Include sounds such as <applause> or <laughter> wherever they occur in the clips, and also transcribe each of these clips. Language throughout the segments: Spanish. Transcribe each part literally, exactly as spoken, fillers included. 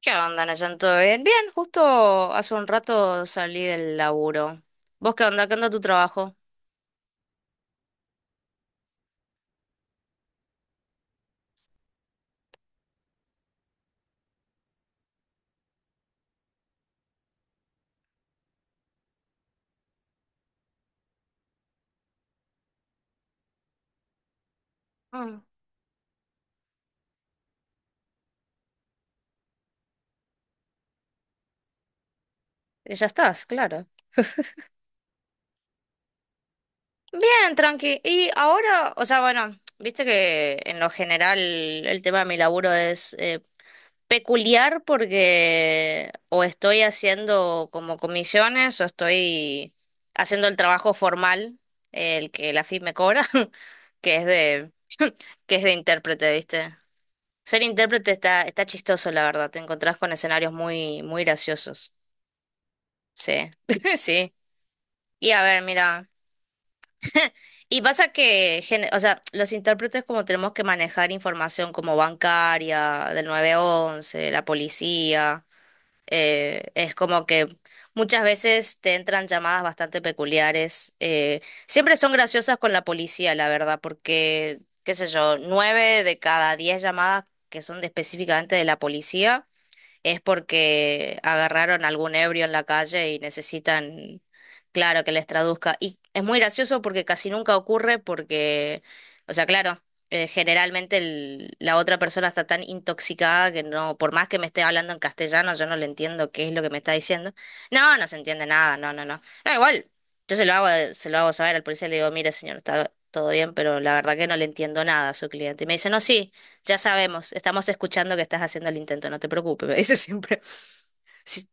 ¿Qué onda, Nayan? ¿Todo bien? Bien, justo hace un rato salí del laburo. ¿Vos qué onda? ¿Qué onda tu trabajo? Mm. Eh, Ya estás, claro. Bien, tranqui. Y ahora, o sea, bueno, viste que en lo general el tema de mi laburo es eh, peculiar porque o estoy haciendo como comisiones o estoy haciendo el trabajo formal, el que la F I P me cobra, <laughs> que es de, que es de intérprete, ¿viste? Ser intérprete está, está chistoso, la verdad. Te encontrás con escenarios muy, muy graciosos. Sí, <laughs> sí. Y a ver, mira. Y pasa que, gen- o sea, los intérpretes como tenemos que manejar información como bancaria, del nueve once la policía, eh, es como que muchas veces te entran llamadas bastante peculiares. eh, siempre son graciosas con la policía, la verdad, porque, qué sé yo, nueve de cada diez llamadas que son de- específicamente de la policía es porque agarraron algún ebrio en la calle y necesitan, claro, que les traduzca. Y es muy gracioso porque casi nunca ocurre porque, o sea, claro, eh, generalmente el- la otra persona está tan intoxicada que no, por más que me esté hablando en castellano, yo no le entiendo qué es lo que me está diciendo. No, no se entiende nada, no, no, no. No, igual, yo se lo hago, se lo hago saber al policía, le digo, mire, señor, está todo bien, pero la verdad que no le entiendo nada a su cliente. Y me dice, no, sí. Ya sabemos, estamos escuchando que estás haciendo el intento, no te preocupes, me dice <laughs> siempre. Sí,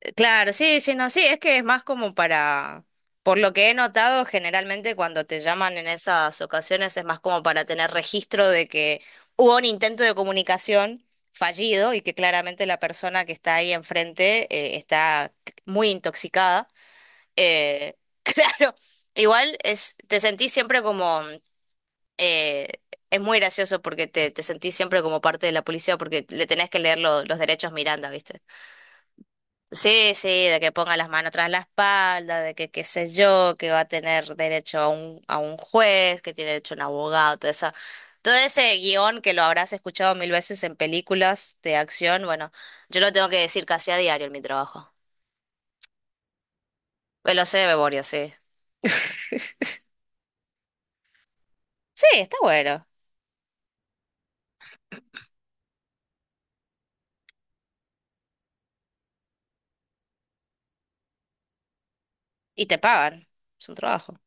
eh, claro, sí, sí, no, sí, es que es más como para, por lo que he notado, generalmente cuando te llaman en esas ocasiones es más como para tener registro de que hubo un intento de comunicación fallido y que claramente la persona que está ahí enfrente eh, está muy intoxicada. Eh, <laughs> claro, igual es, te sentís siempre como eh, es muy gracioso porque te, te sentís siempre como parte de la policía porque le tenés que leer lo- los derechos Miranda, ¿viste? Sí, sí, de que ponga las manos tras la espalda, de que qué sé yo, que va a tener derecho a un, a un juez, que tiene derecho a un abogado, todo eso. Todo ese guión que lo habrás escuchado mil veces en películas de acción, bueno, yo lo tengo que decir casi a diario en mi trabajo. Me Lo sé de memoria, sí. Sí, está bueno. Y te pagan. Es un trabajo,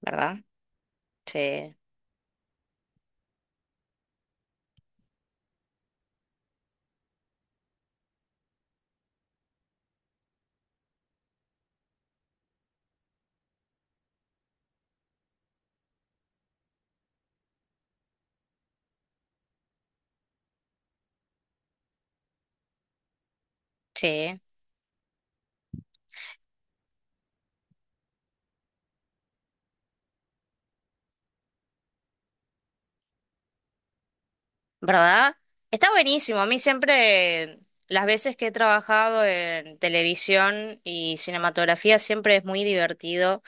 ¿verdad? Sí, sí. ¿Verdad? Está buenísimo. A mí siempre, las veces que he trabajado en televisión y cinematografía, siempre es muy divertido.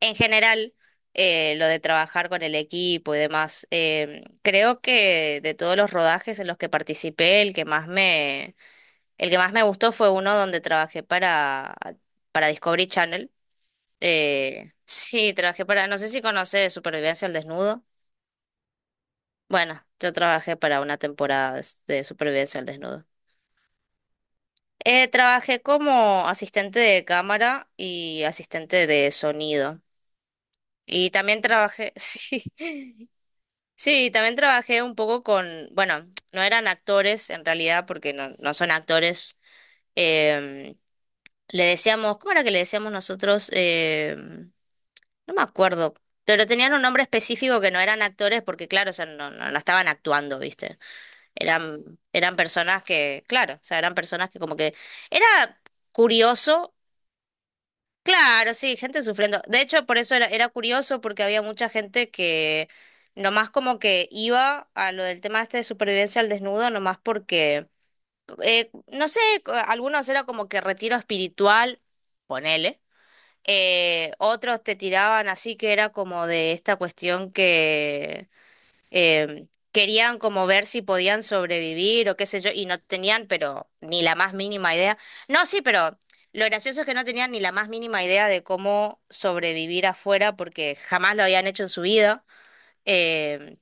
En general, eh, lo de trabajar con el equipo y demás. Eh, creo que de todos los rodajes en los que participé, el que más me, el que más me gustó fue uno donde trabajé para, para Discovery Channel. Eh, sí, trabajé para, no sé si conoces Supervivencia al Desnudo. Bueno, yo trabajé para una temporada de, s- de supervivencia al desnudo. Eh, trabajé como asistente de cámara y asistente de sonido. Y también trabajé, <laughs> sí, sí, también trabajé un poco con, bueno, no eran actores en realidad porque no, no son actores. Em, le decíamos, ¿cómo era que le decíamos nosotros? Em, no me acuerdo, pero tenían un nombre específico que no eran actores porque claro, o sea, no, no no estaban actuando, ¿viste? Eran, eran personas que, claro, o sea, eran personas que como que era curioso, claro, sí, gente sufriendo. De hecho, por eso era, era curioso porque había mucha gente que nomás como que iba a lo del tema este de supervivencia al desnudo, nomás porque, eh, no sé, co- algunos era como que retiro espiritual, ponele. eh, otros te tiraban así que era como de esta cuestión que eh, querían como ver si podían sobrevivir o qué sé yo, y no tenían, pero ni la más mínima idea. No, sí, pero lo gracioso es que no tenían ni la más mínima idea de cómo sobrevivir afuera porque jamás lo habían hecho en su vida. Eh,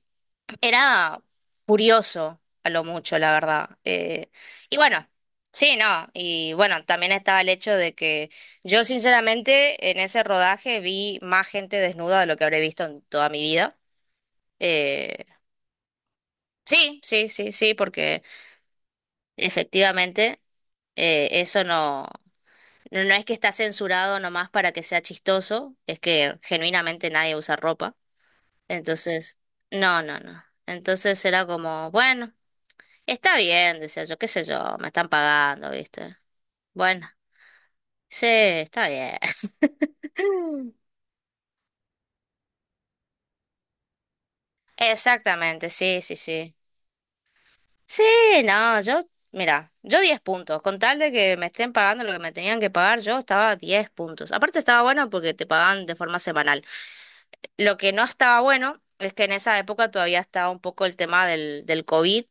era curioso a lo mucho, la verdad. Eh, y bueno. Sí, no, y bueno, también estaba el hecho de que yo sinceramente en ese rodaje vi más gente desnuda de lo que habré visto en toda mi vida. Eh, Sí, sí, sí, sí, porque efectivamente eh, eso no, no, no es que está censurado nomás para que sea chistoso, es que genuinamente nadie usa ropa. Entonces, no, no, no. Entonces era como, bueno, está bien, decía yo, qué sé yo, me están pagando, ¿viste? Bueno, sí, está bien. <laughs> Exactamente, sí, sí, sí. Sí, no, yo, mira, yo diez puntos. Con tal de que me estén pagando lo que me tenían que pagar, yo estaba a diez puntos. Aparte estaba bueno porque te pagaban de forma semanal. Lo que no estaba bueno es que en esa época todavía estaba un poco el tema del, del COVID,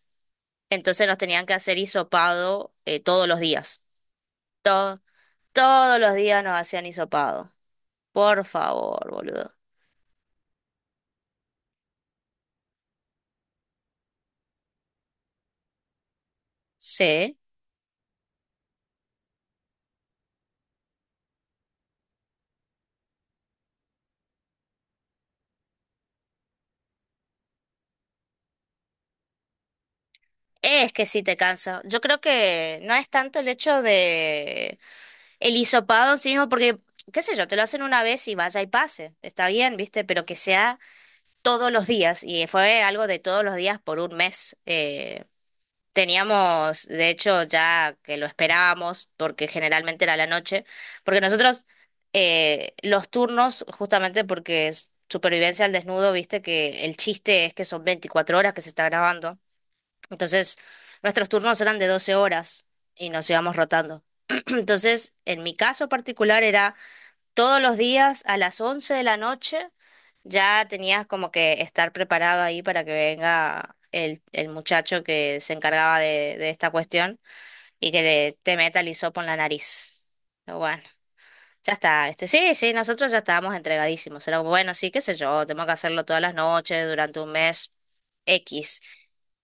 entonces nos tenían que hacer hisopado eh, todos los días. To- todos los días nos hacían hisopado. Por favor, boludo. Sí. Es que sí te cansa. Yo creo que no es tanto el hecho El hisopado en sí mismo, porque, qué sé yo, te lo hacen una vez y vaya y pase. Está bien, ¿viste? Pero que sea todos los días. Y fue algo de todos los días por un mes. Eh, teníamos, de hecho, ya que lo esperábamos, porque generalmente era la noche, porque nosotros eh, los turnos, justamente porque es supervivencia al desnudo, ¿viste? Que el chiste es que son veinticuatro horas que se está grabando. Entonces, nuestros turnos eran de doce horas y nos íbamos rotando. <clears throat> Entonces, en mi caso particular era todos los días a las once de la noche, ya tenías como que estar preparado ahí para que venga el, el muchacho que se encargaba de, de esta cuestión y que te te meta el hisopo en la nariz. Pero Bueno. Ya está, este, sí, sí, nosotros ya estábamos entregadísimos. Era como, bueno, sí, qué sé yo, tengo que hacerlo todas las noches durante un mes X.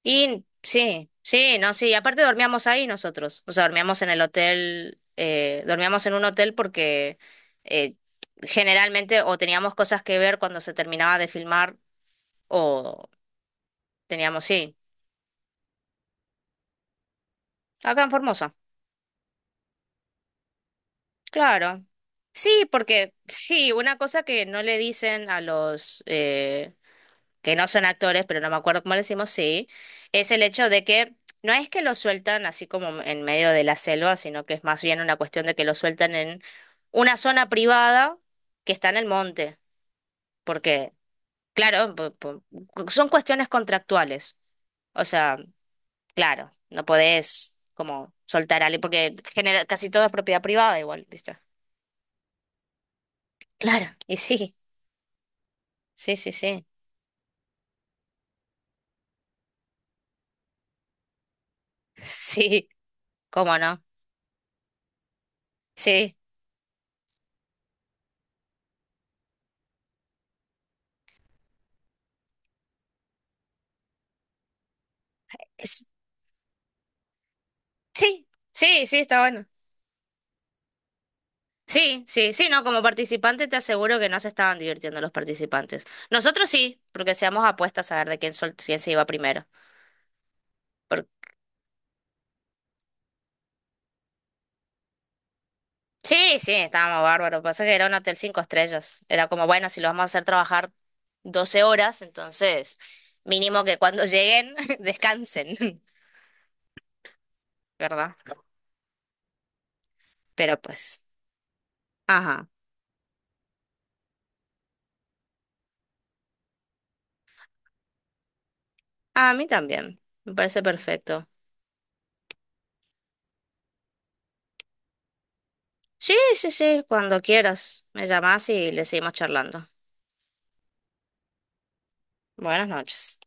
Y sí, sí, no, sí, aparte dormíamos ahí nosotros. O sea, dormíamos en el hotel, eh, dormíamos en un hotel porque eh, generalmente o teníamos cosas que ver cuando se terminaba de filmar o teníamos, sí, acá en Formosa. Claro. Sí, porque sí, una cosa que no le dicen a los eh, que no son actores, pero no me acuerdo cómo le decimos, sí, es el hecho de que no es que lo sueltan así como en medio de la selva, sino que es más bien una cuestión de que lo sueltan en una zona privada que está en el monte, porque, claro, po- po- son cuestiones contractuales. O sea, claro, no podés como soltar a alguien, porque genera, casi todo es propiedad privada igual, ¿viste? Claro, y sí, sí, sí, sí, <laughs> sí, cómo no, sí, es- sí, sí, sí, está bueno. Sí, sí, sí, no, como participante te aseguro que no se estaban divirtiendo los participantes. Nosotros sí, porque hacíamos apuestas a ver de quién, sol- quién se iba primero. Por- Sí, sí, estábamos bárbaros. Pasa que era un hotel cinco estrellas. Era como, bueno, si lo vamos a hacer trabajar doce horas, entonces mínimo que cuando lleguen <laughs> descansen, <laughs> ¿verdad? Pero pues, ajá. A mí también, me parece perfecto. Sí, sí, sí, cuando quieras, me llamás y le seguimos charlando. Buenas noches.